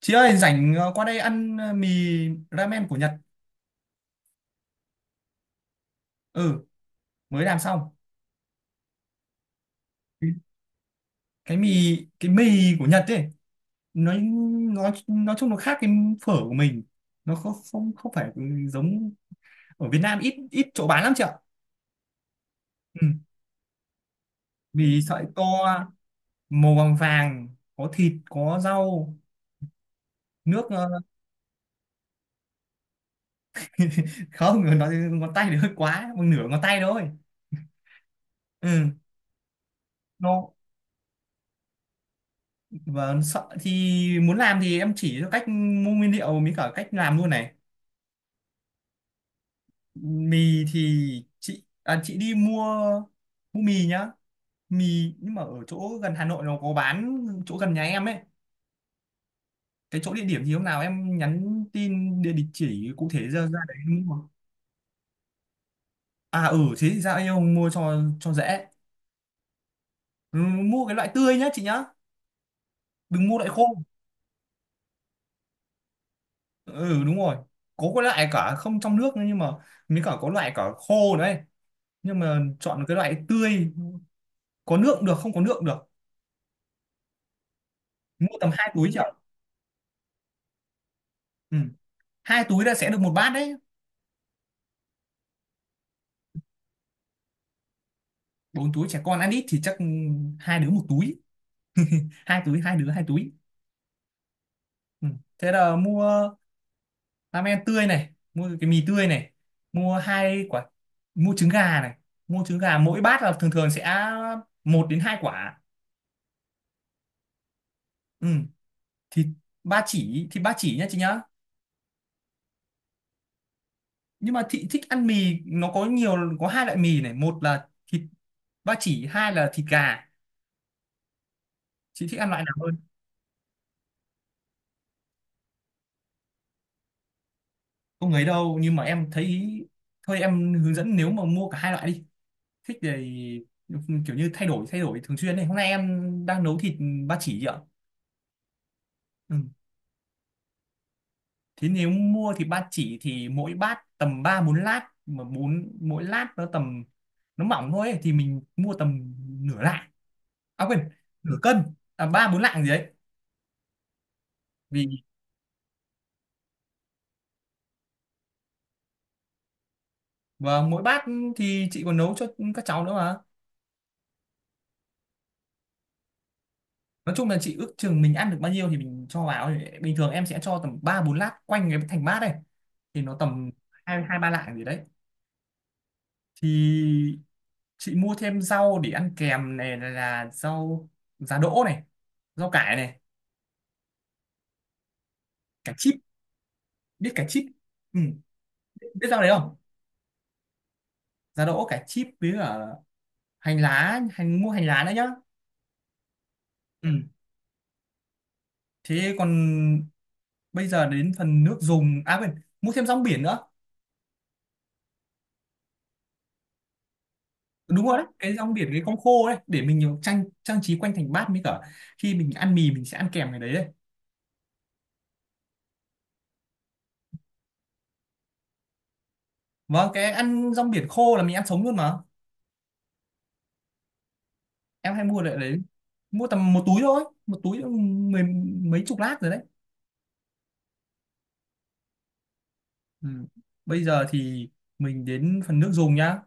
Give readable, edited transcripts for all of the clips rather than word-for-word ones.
Chị ơi, rảnh qua đây ăn mì ramen của Nhật. Ừ, mới làm xong. Cái mì cái mì của Nhật ấy, nó nó nói chung nó khác cái phở của mình. Nó không không không phải giống ở Việt Nam, ít ít chỗ bán lắm chị ạ. Ừ, mì sợi to màu vàng vàng, có thịt, có rau, nước ờ, không, nó ngón tay thì hơi quá, một nửa ngón tay thôi. Ừ. Nó và sợ thì muốn làm thì em chỉ cho cách mua nguyên liệu mới cả cách làm luôn này. Mì thì chị à, chị đi mua mua mì nhá, mì nhưng mà ở chỗ gần Hà Nội nó có bán, chỗ gần nhà em ấy, cái chỗ địa điểm gì hôm nào em nhắn tin địa địa chỉ cụ thể, ra ra đấy em mua. À ừ thế thì ra đây ông mua cho dễ. Ừ, mua cái loại tươi nhá chị nhá, đừng mua loại khô. Ừ đúng rồi, có cái loại cả không trong nước nữa nhưng mà, mới cả có loại cả khô đấy, nhưng mà chọn cái loại tươi, có nước cũng được không có nước cũng được. Mua tầm hai túi chả. Ừ, hai túi là sẽ được một bát đấy. Bốn túi trẻ con ăn ít thì chắc hai đứa một túi, hai túi hai đứa hai túi. Ừ. Thế là mua ramen tươi này, mua cái mì tươi này, mua hai quả, mua trứng gà này. Mua trứng gà mỗi bát là thường thường sẽ một đến hai quả. Ừ. Thì ba chỉ thì ba chỉ nhá chị nhá, nhưng mà thị thích ăn mì, nó có nhiều, có hai loại mì này, một là thịt ba chỉ, hai là thịt gà, chị thích ăn loại nào hơn. Không ấy đâu, nhưng mà em thấy thôi em hướng dẫn, nếu mà mua cả hai loại đi, thích thì kiểu như thay đổi thường xuyên này, hôm nay em đang nấu thịt ba chỉ chị ạ. Ừ. Thế nếu mua thịt ba chỉ thì mỗi bát tầm ba bốn lát, mà bốn mỗi lát nó tầm, nó mỏng thôi ấy, thì mình mua tầm nửa lạng, à quên nửa cân, à ba bốn lạng gì đấy, vì và mỗi bát thì chị còn nấu cho các cháu nữa mà. Nói chung là chị ước chừng mình ăn được bao nhiêu thì mình cho vào, bình thường em sẽ cho tầm ba bốn lát quanh cái thành bát này, thì nó tầm hai hai ba lạng gì đấy. Thì chị mua thêm rau để ăn kèm này, là rau giá đỗ này, rau cải này, cải chip, biết cải chip. Ừ. biết biết rau đấy không, giá đỗ cải chip với cả hành lá, hành mua hành lá nữa nhá. Ừ. Thế còn bây giờ đến phần nước dùng, à quên, mua thêm rong biển nữa. Đúng rồi đấy, cái rong biển cái con khô đấy, để mình nhiều trang trang trí quanh thành bát, mới cả khi mình ăn mì mình sẽ ăn kèm cái đấy đấy. Vâng, cái ăn rong biển khô là mình ăn sống luôn mà, em hay mua lại đấy. Mua tầm một túi thôi, một túi mười mấy chục lát rồi đấy. Ừ. Bây giờ thì mình đến phần nước dùng nhá.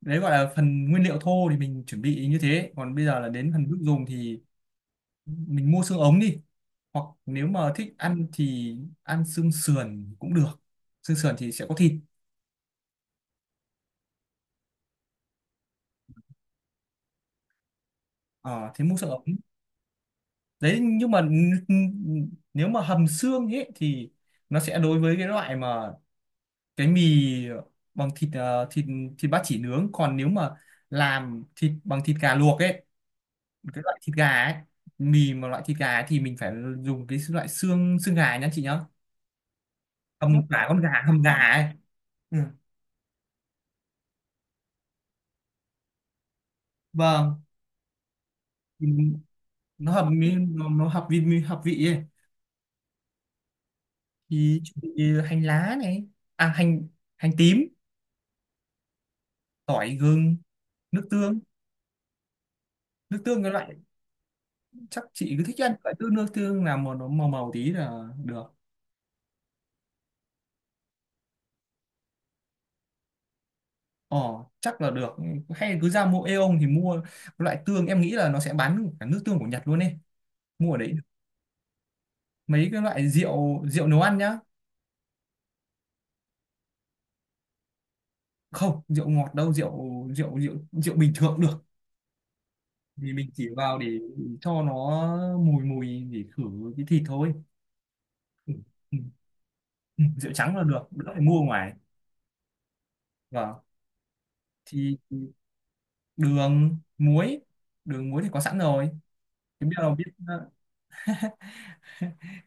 Đấy gọi là phần nguyên liệu thô thì mình chuẩn bị như thế, còn bây giờ là đến phần nước dùng thì mình mua xương ống đi, hoặc nếu mà thích ăn thì ăn xương sườn cũng được, xương sườn thì sẽ có thịt. Ờ thế mua xương ống đấy, nhưng mà nếu mà hầm xương ấy thì nó sẽ, đối với cái loại mà cái mì bằng thịt, thịt ba chỉ nướng, còn nếu mà làm thịt bằng thịt gà luộc ấy, cái loại thịt gà ấy, mì mà loại thịt gà ấy, thì mình phải dùng cái loại xương xương gà nhá chị nhá, hầm cả con gà, hầm gà ấy. Ừ. Vâng thì nó nó hợp vị ấy. Thì chuẩn bị hành lá này, à hành, hành tím, tỏi gừng, nước tương. Nước tương cái loại, chắc chị cứ thích ăn loại tương, nước tương là màu nó màu màu tí là được. Ờ, chắc là được, hay cứ ra mua Aeon thì mua, loại tương em nghĩ là nó sẽ bán được cả nước tương của Nhật luôn đi, mua ở đấy được. Mấy cái loại rượu rượu nấu ăn nhá, không rượu ngọt đâu, rượu rượu bình thường cũng được, thì mình chỉ vào để cho nó mùi mùi để khử cái thịt thôi. Ừ, ừ, ừ, rượu trắng là được, đỡ phải mua ngoài. Vâng, thì đường muối, đường muối thì có sẵn rồi. Thì bây giờ biết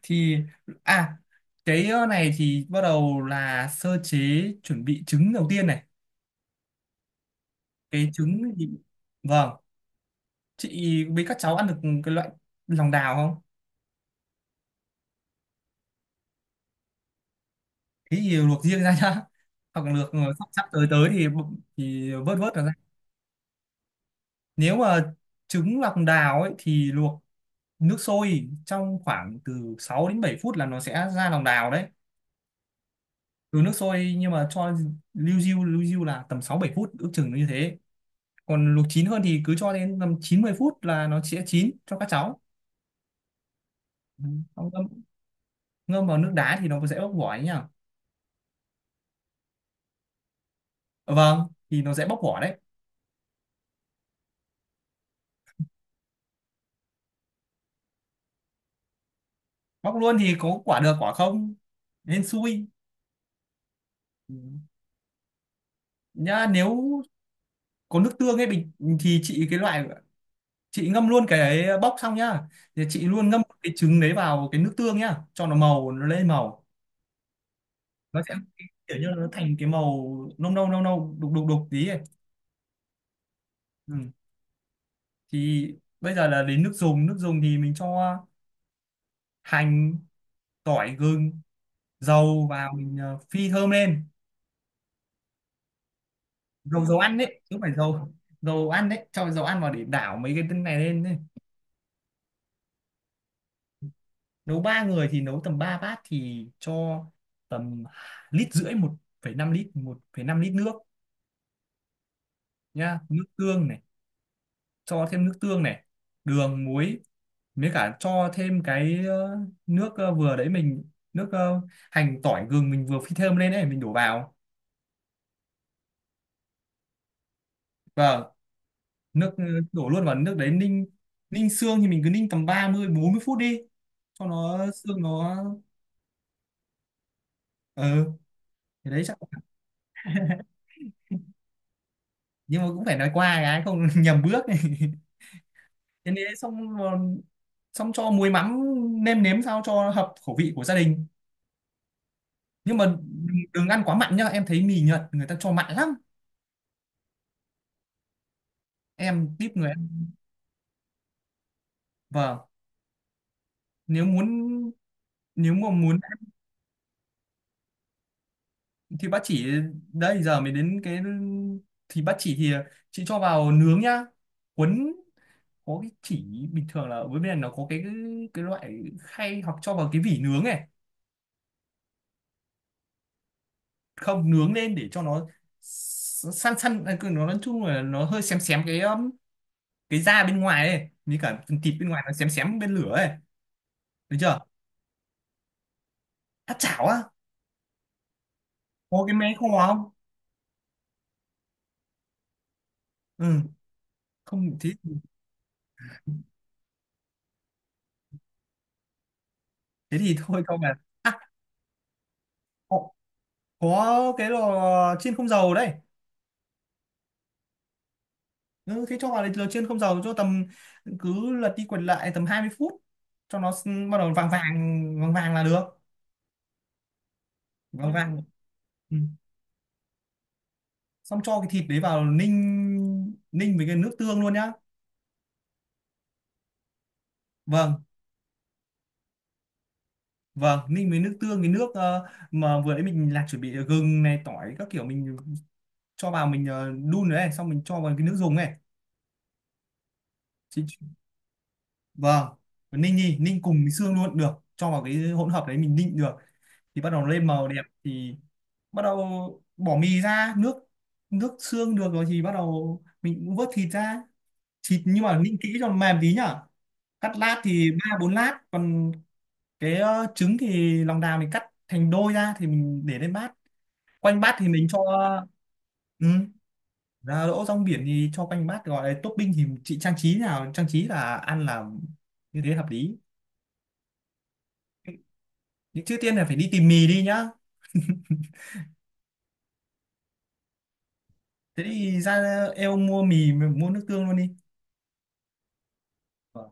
thì à, này thì bắt đầu là sơ chế, chuẩn bị trứng đầu tiên này, cái trứng thì... Vâng, chị với các cháu ăn được cái loại lòng đào không. Thế thì luộc riêng ra nhá, hoặc là luộc sắp sắp tới tới thì thì vớt vớt nó ra. Nếu mà trứng lòng đào ấy thì luộc nước sôi trong khoảng từ 6 đến 7 phút là nó sẽ ra lòng đào đấy, từ nước sôi, nhưng mà cho lưu diêu là tầm 6 7 phút, ước chừng nó như thế. Còn luộc chín hơn thì cứ cho đến tầm 90 phút là nó sẽ chín cho các cháu. Ừ. Xong ngâm, ngâm vào nước đá thì nó sẽ bóc vỏ ấy nhỉ. Ờ, vâng thì nó sẽ bóc vỏ đấy, bóc luôn thì có quả được quả không, nên xui. Ừ. Nhá, nếu có nước tương ấy bình, thì chị cái loại, chị ngâm luôn cái ấy, bóc xong nhá, thì chị luôn ngâm cái trứng đấy vào cái nước tương nhá, cho nó màu, nó lên màu, nó sẽ kiểu như là nó thành cái màu nâu nâu đục đục đục tí ấy. Ừ. Thì bây giờ là đến nước dùng, nước dùng thì mình cho hành, tỏi gừng, dầu vào, mình phi thơm lên. Dầu dầu ăn đấy chứ không phải dầu, dầu ăn đấy, cho dầu ăn vào để đảo mấy cái tinh này lên ấy. Nấu ba người thì nấu tầm 3 bát, thì cho tầm lít rưỡi, 1,5 lít, 1,5 lít nước nhá. Nước tương này, cho thêm nước tương này, đường muối, với cả cho thêm vừa đấy mình, hành tỏi gừng mình vừa phi thơm lên đấy mình đổ vào. Vâng, nước ờ, đổ luôn vào nước đấy ninh. Ninh xương thì mình cứ ninh tầm 30 40 phút đi, cho nó xương nó ờ thì đấy chắc. Nhưng mà cũng phải nói qua cái không nhầm bước này. Thế nên xong cho muối mắm, nêm nếm sao cho hợp khẩu vị của gia đình, nhưng mà đừng ăn quá mặn nhá, em thấy mì Nhật người ta cho mặn lắm. Em tip người em. Vâng, nếu muốn, nếu mà muốn ăn thì bác chỉ, đây giờ mới đến cái, thì bác chỉ thì chị cho vào nướng nhá. Cuốn có cái chỉ, bình thường là ở bên này nó có cái loại khay hoặc cho vào cái vỉ nướng này, không nướng lên để cho nó săn săn à, cứ nó nói chung là nó hơi xém xém cái da bên ngoài ấy, như cả phần thịt bên ngoài nó xém xém bên lửa ấy, được chưa. Tắt chảo á, có cái máy kho không, ừ, không thế, thế thì thôi cho vào. À có, có cái lò chiên không dầu đây. Ừ, thế cho vào lò chiên không dầu, cho tầm, cứ lật đi quật lại tầm 20 phút, cho nó bắt đầu vàng vàng, vàng vàng là được. Vâng vâng. Ừ. Xong cho cái thịt đấy vào ninh, ninh với cái nước tương luôn nhá. Vâng vâng, ninh với nước tương, cái nước mà vừa đấy mình là chuẩn bị gừng này, tỏi các kiểu mình cho vào, mình đun rồi này, xong mình cho vào cái nước dùng này. Chị... Vâng, ninh đi, ninh cùng với xương luôn được, cho vào cái hỗn hợp đấy mình ninh được, thì bắt đầu lên màu đẹp thì bắt đầu bỏ mì ra. Nước, nước xương được rồi thì bắt đầu mình cũng vớt thịt ra, thịt nhưng mà ninh kỹ cho nó mềm tí nhá, cắt lát thì ba bốn lát. Còn cái trứng thì lòng đào mình cắt thành đôi ra, thì mình để lên bát, quanh bát thì mình cho, ừ, giá đỗ, rong biển thì cho quanh bát, gọi là topping thì chị trang trí, nào trang trí là ăn, là như thế hợp lý. Nhưng trước tiên là phải đi tìm mì đi nhá, thế thì ra, eo mua mì mua nước tương luôn đi. Vâng.